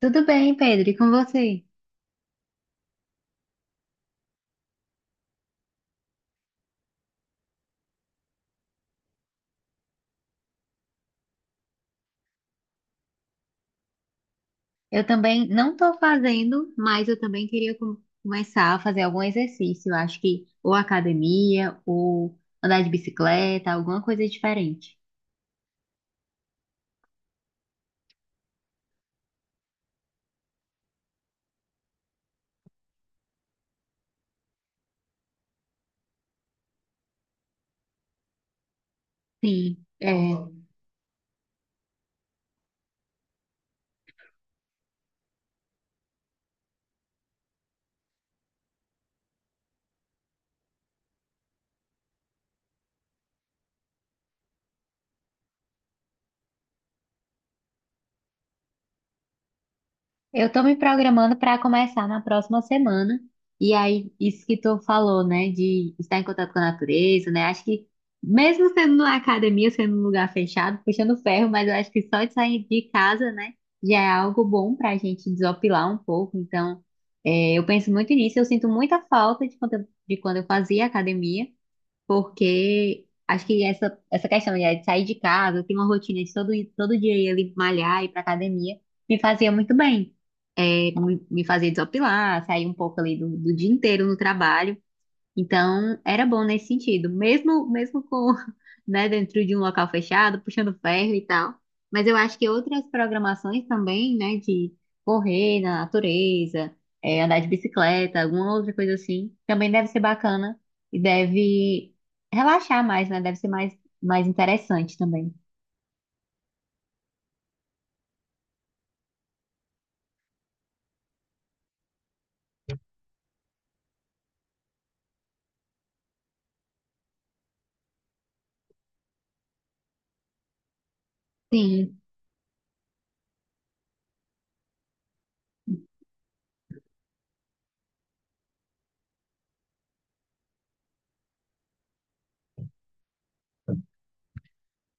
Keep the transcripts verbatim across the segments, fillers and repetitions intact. Tudo bem, Pedro, e com você? Eu também não estou fazendo, mas eu também queria com- começar a fazer algum exercício. Eu acho que ou academia, ou andar de bicicleta, alguma coisa diferente. Sim, é. Eu tô me programando para começar na próxima semana. E aí, isso que tu falou, né, de estar em contato com a natureza, né? Acho que mesmo sendo na academia, sendo num lugar fechado, puxando ferro, mas eu acho que só de sair de casa, né, já é algo bom pra gente desopilar um pouco. Então, é, eu penso muito nisso. Eu sinto muita falta de quando eu, de quando eu fazia academia. Porque acho que essa, essa questão, né, de sair de casa, ter uma rotina de todo, todo dia ir ali malhar, ir pra academia, me fazia muito bem. É, me, me fazia desopilar, sair um pouco ali do, do dia inteiro no trabalho. Então, era bom nesse sentido, mesmo mesmo com, né, dentro de um local fechado, puxando ferro e tal. Mas eu acho que outras programações também, né, de correr na natureza, é, andar de bicicleta, alguma outra coisa assim, também deve ser bacana e deve relaxar mais, né? Deve ser mais mais interessante também. Sim,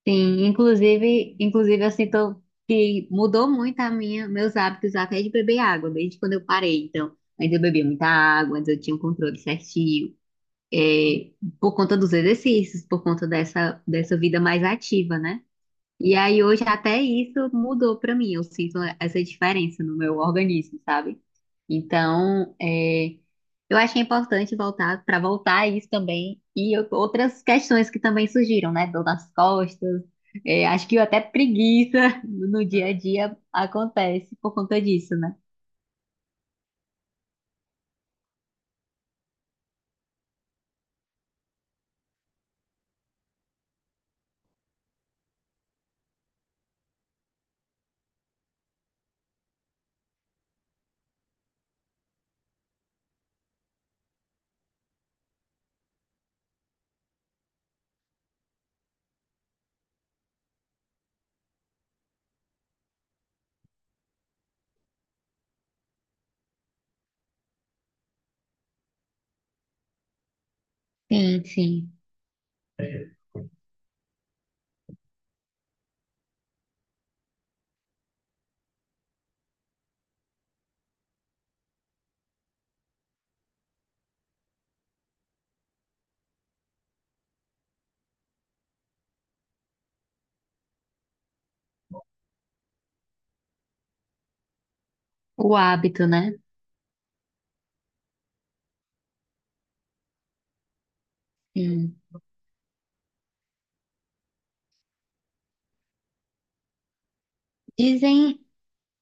sim, inclusive, inclusive eu sinto que mudou muito a minha, meus hábitos até de beber água, desde quando eu parei. Então, antes eu bebia muita água, antes eu tinha um controle certinho, é, por conta dos exercícios, por conta dessa, dessa vida mais ativa, né? E aí hoje até isso mudou pra mim. Eu sinto essa diferença no meu organismo, sabe? Então, é, eu achei importante voltar para voltar a isso também e eu- outras questões que também surgiram, né? Dor nas costas. É, acho que até preguiça no dia a dia acontece por conta disso, né? Sim, sim. O hábito, né? Sim. Dizem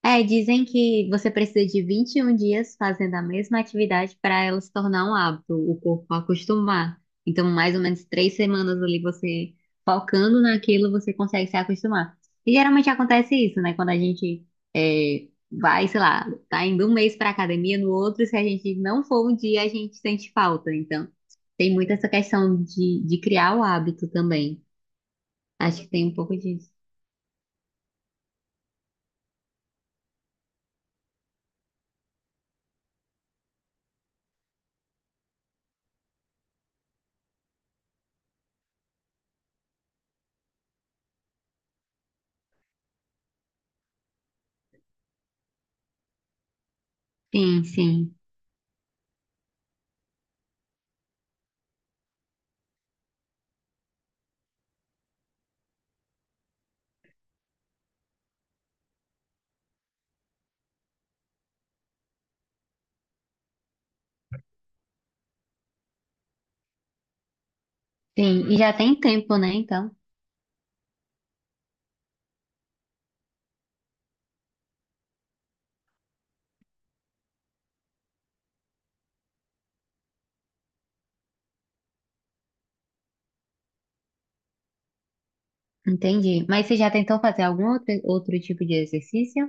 É, dizem que você precisa de vinte e um dias fazendo a mesma atividade para ela se tornar um hábito, o corpo acostumar. Então, mais ou menos três semanas ali você focando naquilo, você consegue se acostumar. E geralmente acontece isso, né? Quando a gente é, vai, sei lá, tá indo um mês para academia, no outro, se a gente não for um dia, a gente sente falta. Então, tem muito essa questão de, de criar o hábito também. Acho que tem um pouco disso. Sim, sim, sim. E já tem tempo, né? Então. Entendi. Mas você já tentou fazer algum outro, outro tipo de exercício?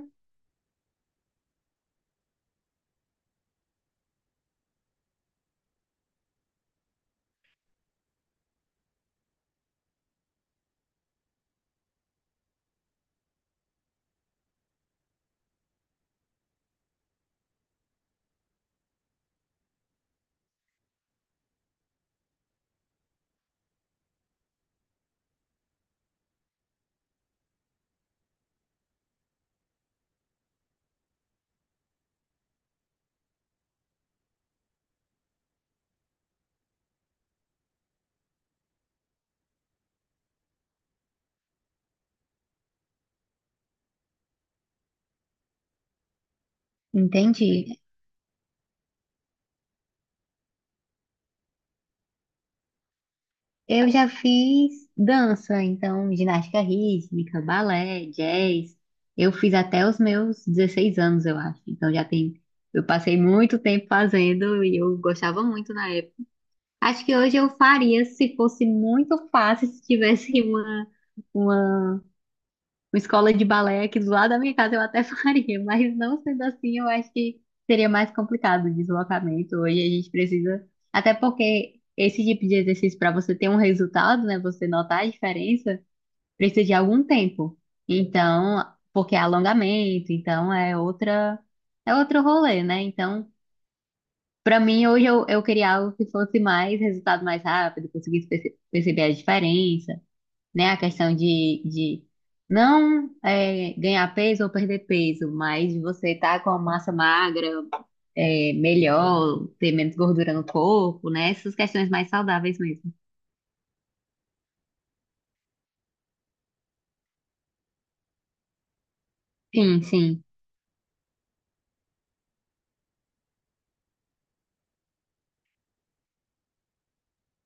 Entendi. Eu já fiz dança, então ginástica rítmica, balé, jazz. Eu fiz até os meus dezesseis anos, eu acho. Então já tem. Eu passei muito tempo fazendo e eu gostava muito na época. Acho que hoje eu faria se fosse muito fácil, se tivesse uma, uma uma escola de balé aqui do lado da minha casa eu até faria, mas não sendo assim, eu acho que seria mais complicado o deslocamento. Hoje a gente precisa, até porque esse tipo de exercício, para você ter um resultado, né, você notar a diferença, precisa de algum tempo. Então, porque é alongamento, então é outra, é outro rolê, né? Então, para mim, hoje eu, eu queria algo que fosse mais resultado mais rápido, conseguisse perce- perceber a diferença, né? A questão de, de não é, ganhar peso ou perder peso, mas você tá com a massa magra, é, melhor, ter menos gordura no corpo, né? Essas questões mais saudáveis mesmo. Sim, sim.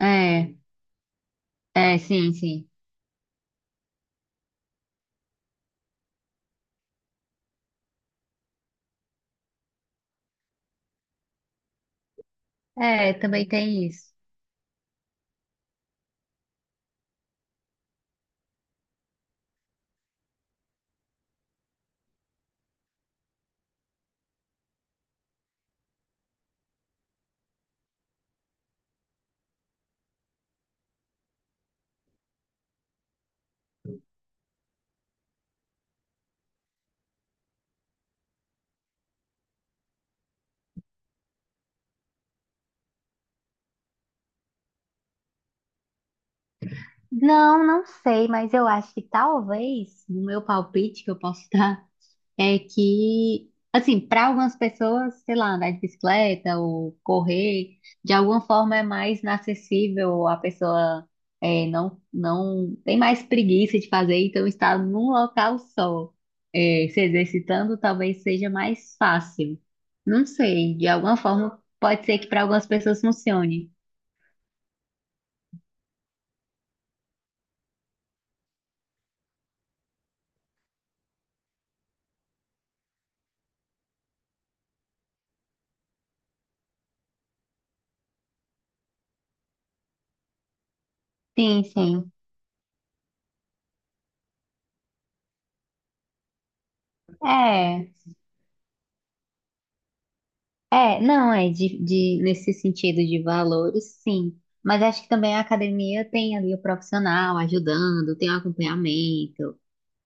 É, é, sim, sim. É, também tem isso. Não, não sei, mas eu acho que talvez, no meu palpite que eu posso dar, é que, assim, para algumas pessoas, sei lá, andar de bicicleta ou correr, de alguma forma é mais inacessível, a pessoa é, não, não tem mais preguiça de fazer, então estar num local só, é, se exercitando, talvez seja mais fácil. Não sei, de alguma forma pode ser que para algumas pessoas funcione. Sim, sim. É. É, não, é de, de- nesse sentido de valores, sim. Mas acho que também a academia tem ali o profissional ajudando, tem o acompanhamento,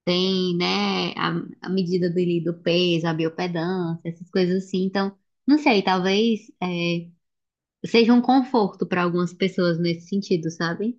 tem, né, a, a medida do, do peso, a biopedância, essas coisas assim. Então, não sei, talvez é, seja um conforto para algumas pessoas nesse sentido, sabe?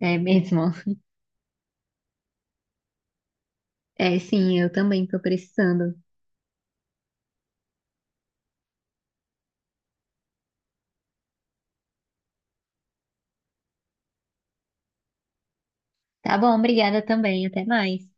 É mesmo. É, sim, eu também tô precisando. Tá bom, obrigada também, até mais.